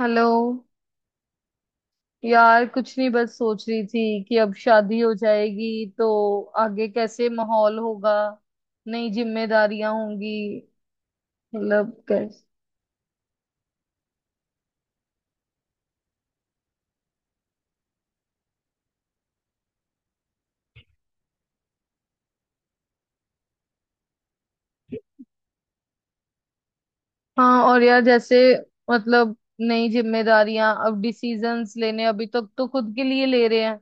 Hello. यार कुछ नहीं, बस सोच रही थी कि अब शादी हो जाएगी तो आगे कैसे माहौल होगा, नई जिम्मेदारियां होंगी। मतलब कैसे? हाँ, और यार जैसे मतलब नई जिम्मेदारियां, अब डिसीजंस लेने, अभी तक तो खुद के लिए ले रहे हैं।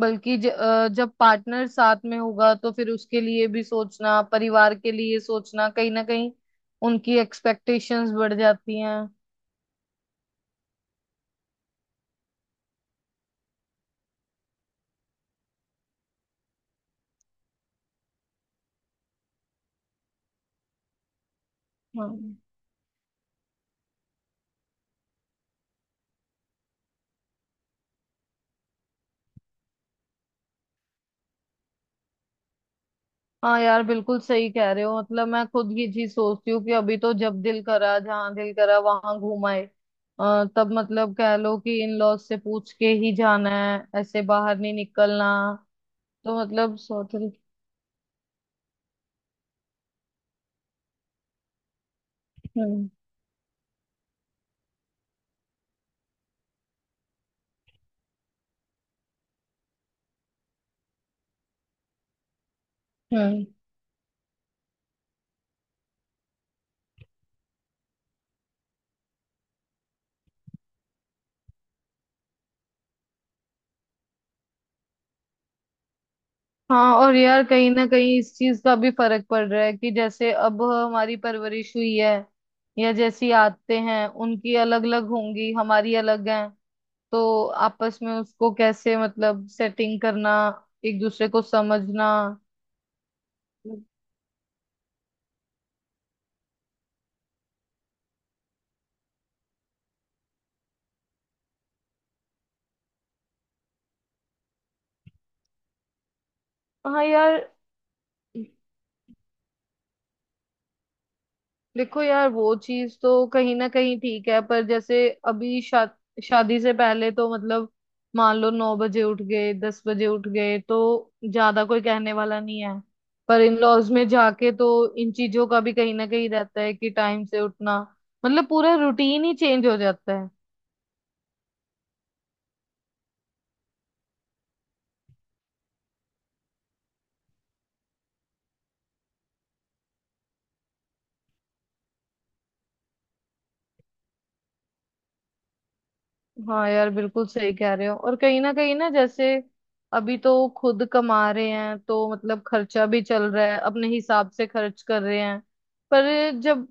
बल्कि जब पार्टनर साथ में होगा तो फिर उसके लिए भी सोचना, परिवार के लिए सोचना, कहीं ना कहीं उनकी एक्सपेक्टेशंस बढ़ जाती हैं। हाँ हाँ, यार बिल्कुल सही कह रहे हो। मतलब मैं खुद ये चीज सोचती हूँ कि अभी तो जब दिल करा जहाँ दिल करा वहां घूमाए। तब मतलब कह लो कि इन लॉज से पूछ के ही जाना है, ऐसे बाहर नहीं निकलना। तो मतलब स्वतंत्र। हम्म हम्म। हाँ, और यार कहीं ना कहीं इस चीज का भी फर्क पड़ रहा है कि जैसे अब हमारी परवरिश हुई है या जैसी आदतें हैं, उनकी अलग अलग होंगी, हमारी अलग है। तो आपस में उसको कैसे मतलब सेटिंग करना, एक दूसरे को समझना। हाँ यार। देखो यार, वो चीज तो कहीं ना कहीं ठीक है, पर जैसे अभी शादी से पहले तो मतलब मान लो नौ बजे उठ गए दस बजे उठ गए तो ज्यादा कोई कहने वाला नहीं है। पर इन लॉज में जाके तो इन चीजों का भी कहीं ना कहीं रहता है कि टाइम से उठना, मतलब पूरा रूटीन ही चेंज हो जाता है। हाँ यार बिल्कुल सही कह रहे हो। और कहीं ना जैसे अभी तो खुद कमा रहे हैं तो मतलब खर्चा भी चल रहा है, अपने हिसाब से खर्च कर रहे हैं। पर जब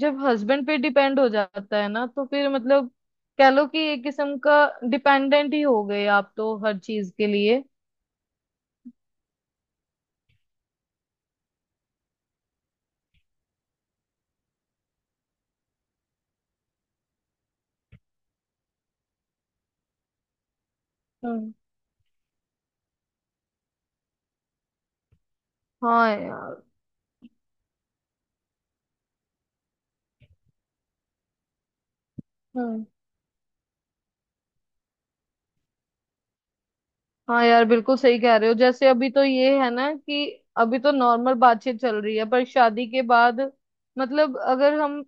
जब हस्बैंड पे डिपेंड हो जाता है ना तो फिर मतलब कह लो कि एक किस्म का डिपेंडेंट ही हो गए आप तो हर चीज के लिए। हम्म। हाँ यार। हाँ यार बिल्कुल सही कह रहे हो। जैसे अभी तो ये है ना कि अभी तो नॉर्मल बातचीत चल रही है पर शादी के बाद मतलब अगर हम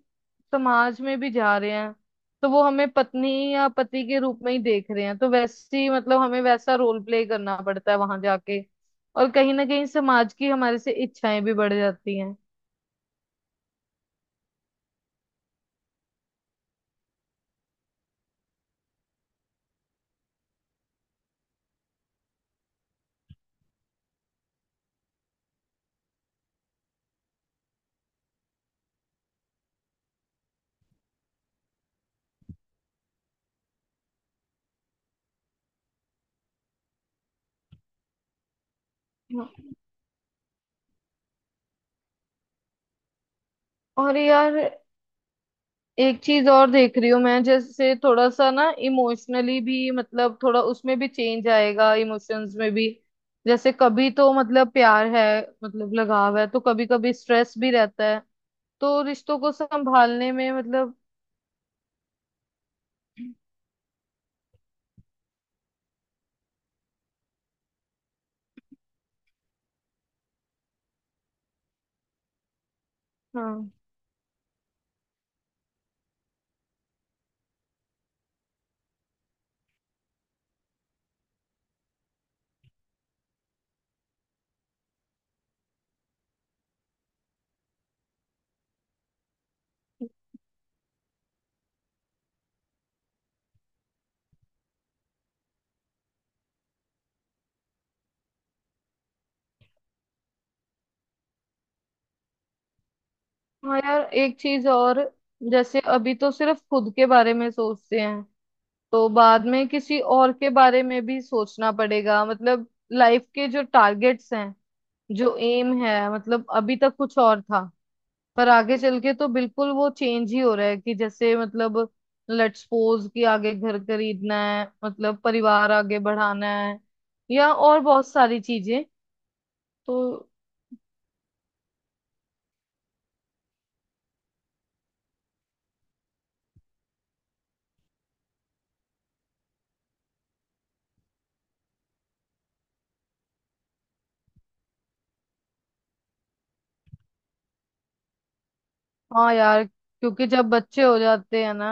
समाज में भी जा रहे हैं तो वो हमें पत्नी या पति के रूप में ही देख रहे हैं, तो वैसी मतलब हमें वैसा रोल प्ले करना पड़ता है वहां जाके। और कहीं ना कहीं समाज की हमारे से इच्छाएं भी बढ़ जाती हैं। और यार एक चीज और देख रही हूँ मैं, जैसे थोड़ा सा ना इमोशनली भी मतलब थोड़ा उसमें भी चेंज आएगा, इमोशंस में भी। जैसे कभी तो मतलब प्यार है, मतलब लगाव है, तो कभी कभी स्ट्रेस भी रहता है। तो रिश्तों को संभालने में मतलब। हाँ हाँ यार, एक चीज और। जैसे अभी तो सिर्फ खुद के बारे में सोचते हैं, तो बाद में किसी और के बारे में भी सोचना पड़ेगा। मतलब लाइफ के जो टारगेट्स हैं, जो एम है, मतलब अभी तक कुछ और था, पर आगे चल के तो बिल्कुल वो चेंज ही हो रहा है कि जैसे मतलब लेट्स सपोज कि आगे घर खरीदना है, मतलब परिवार आगे बढ़ाना है, या और बहुत सारी चीजें। तो हाँ यार, क्योंकि जब बच्चे हो जाते हैं ना,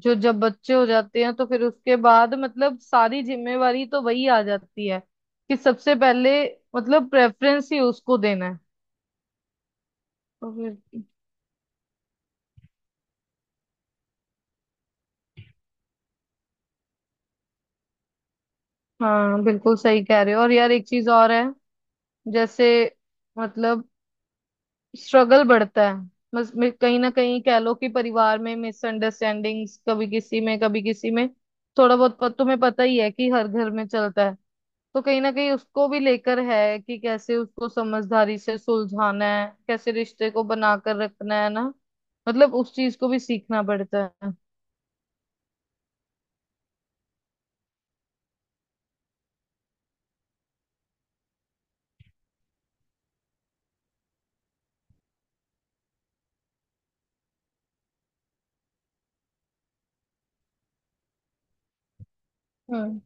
जो जब बच्चे हो जाते हैं तो फिर उसके बाद मतलब सारी जिम्मेवारी तो वही आ जाती है कि सबसे पहले मतलब प्रेफरेंस ही उसको देना है। तो फिर हाँ बिल्कुल सही कह रहे हो। और यार एक चीज और है। जैसे मतलब स्ट्रगल बढ़ता है, बस कहीं ना कहीं कह लो कि परिवार में मिसअंडरस्टैंडिंग्स, कभी किसी में कभी किसी में थोड़ा बहुत तुम्हें पता ही है कि हर घर में चलता है। तो कहीं ना कहीं उसको भी लेकर है कि कैसे उसको समझदारी से सुलझाना है, कैसे रिश्ते को बनाकर रखना है ना, मतलब उस चीज को भी सीखना पड़ता है। हम्म।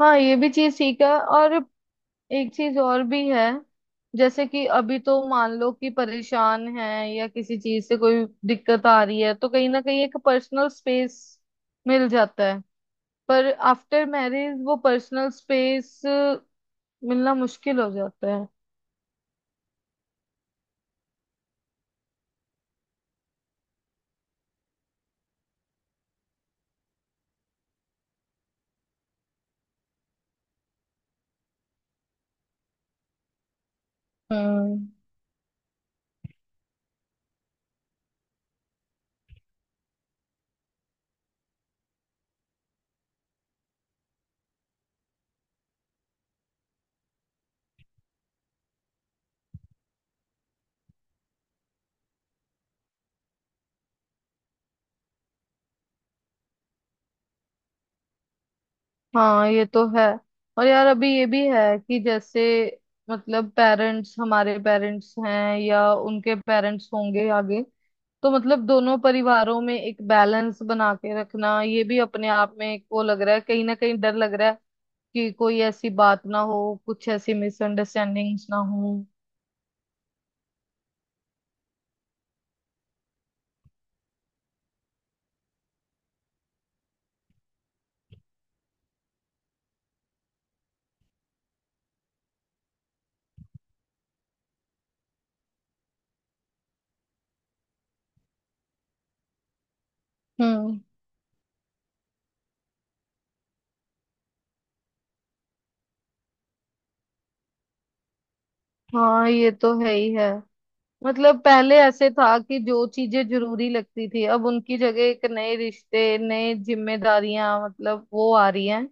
हाँ, ये भी चीज सीखा। और एक चीज और भी है, जैसे कि अभी तो मान लो कि परेशान है या किसी चीज से कोई दिक्कत आ रही है तो कहीं ना कहीं एक पर्सनल स्पेस मिल जाता है। पर आफ्टर मैरिज वो पर्सनल स्पेस मिलना मुश्किल हो जाता है। हम्म। हाँ, ये तो है। और यार अभी ये भी है कि जैसे मतलब पेरेंट्स, हमारे पेरेंट्स हैं या उनके पेरेंट्स होंगे आगे, तो मतलब दोनों परिवारों में एक बैलेंस बना के रखना, ये भी अपने आप में एक वो लग रहा है, कहीं ना कहीं डर लग रहा है कि कोई ऐसी बात ना हो, कुछ ऐसी मिसअंडरस्टैंडिंग्स ना हो। हम्म। हाँ, ये तो है ही है। मतलब पहले ऐसे था कि जो चीजें जरूरी लगती थी, अब उनकी जगह एक नए रिश्ते, नए जिम्मेदारियां मतलब वो आ रही हैं।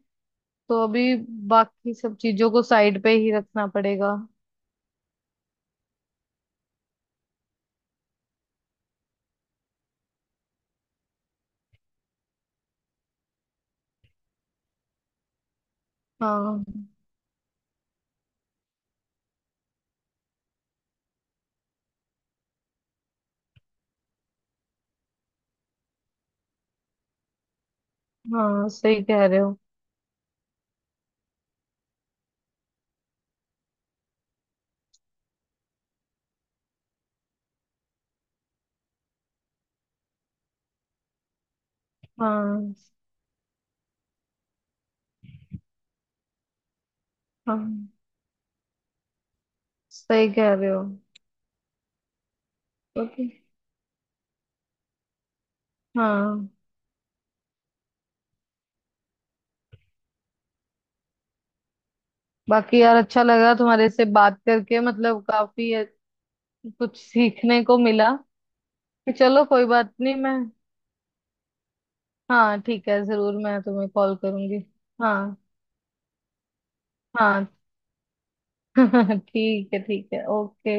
तो अभी बाकी सब चीजों को साइड पे ही रखना पड़ेगा। हाँ हाँ सही कह रहे हो। हाँ हाँ सही कह रहे हो। ओके। हाँ। बाकी यार अच्छा लगा तुम्हारे से बात करके, मतलब काफी कुछ सीखने को मिला। चलो कोई बात नहीं, मैं हाँ ठीक है, जरूर मैं तुम्हें कॉल करूंगी। हाँ। हाँ। ठीक है ठीक है, ओके।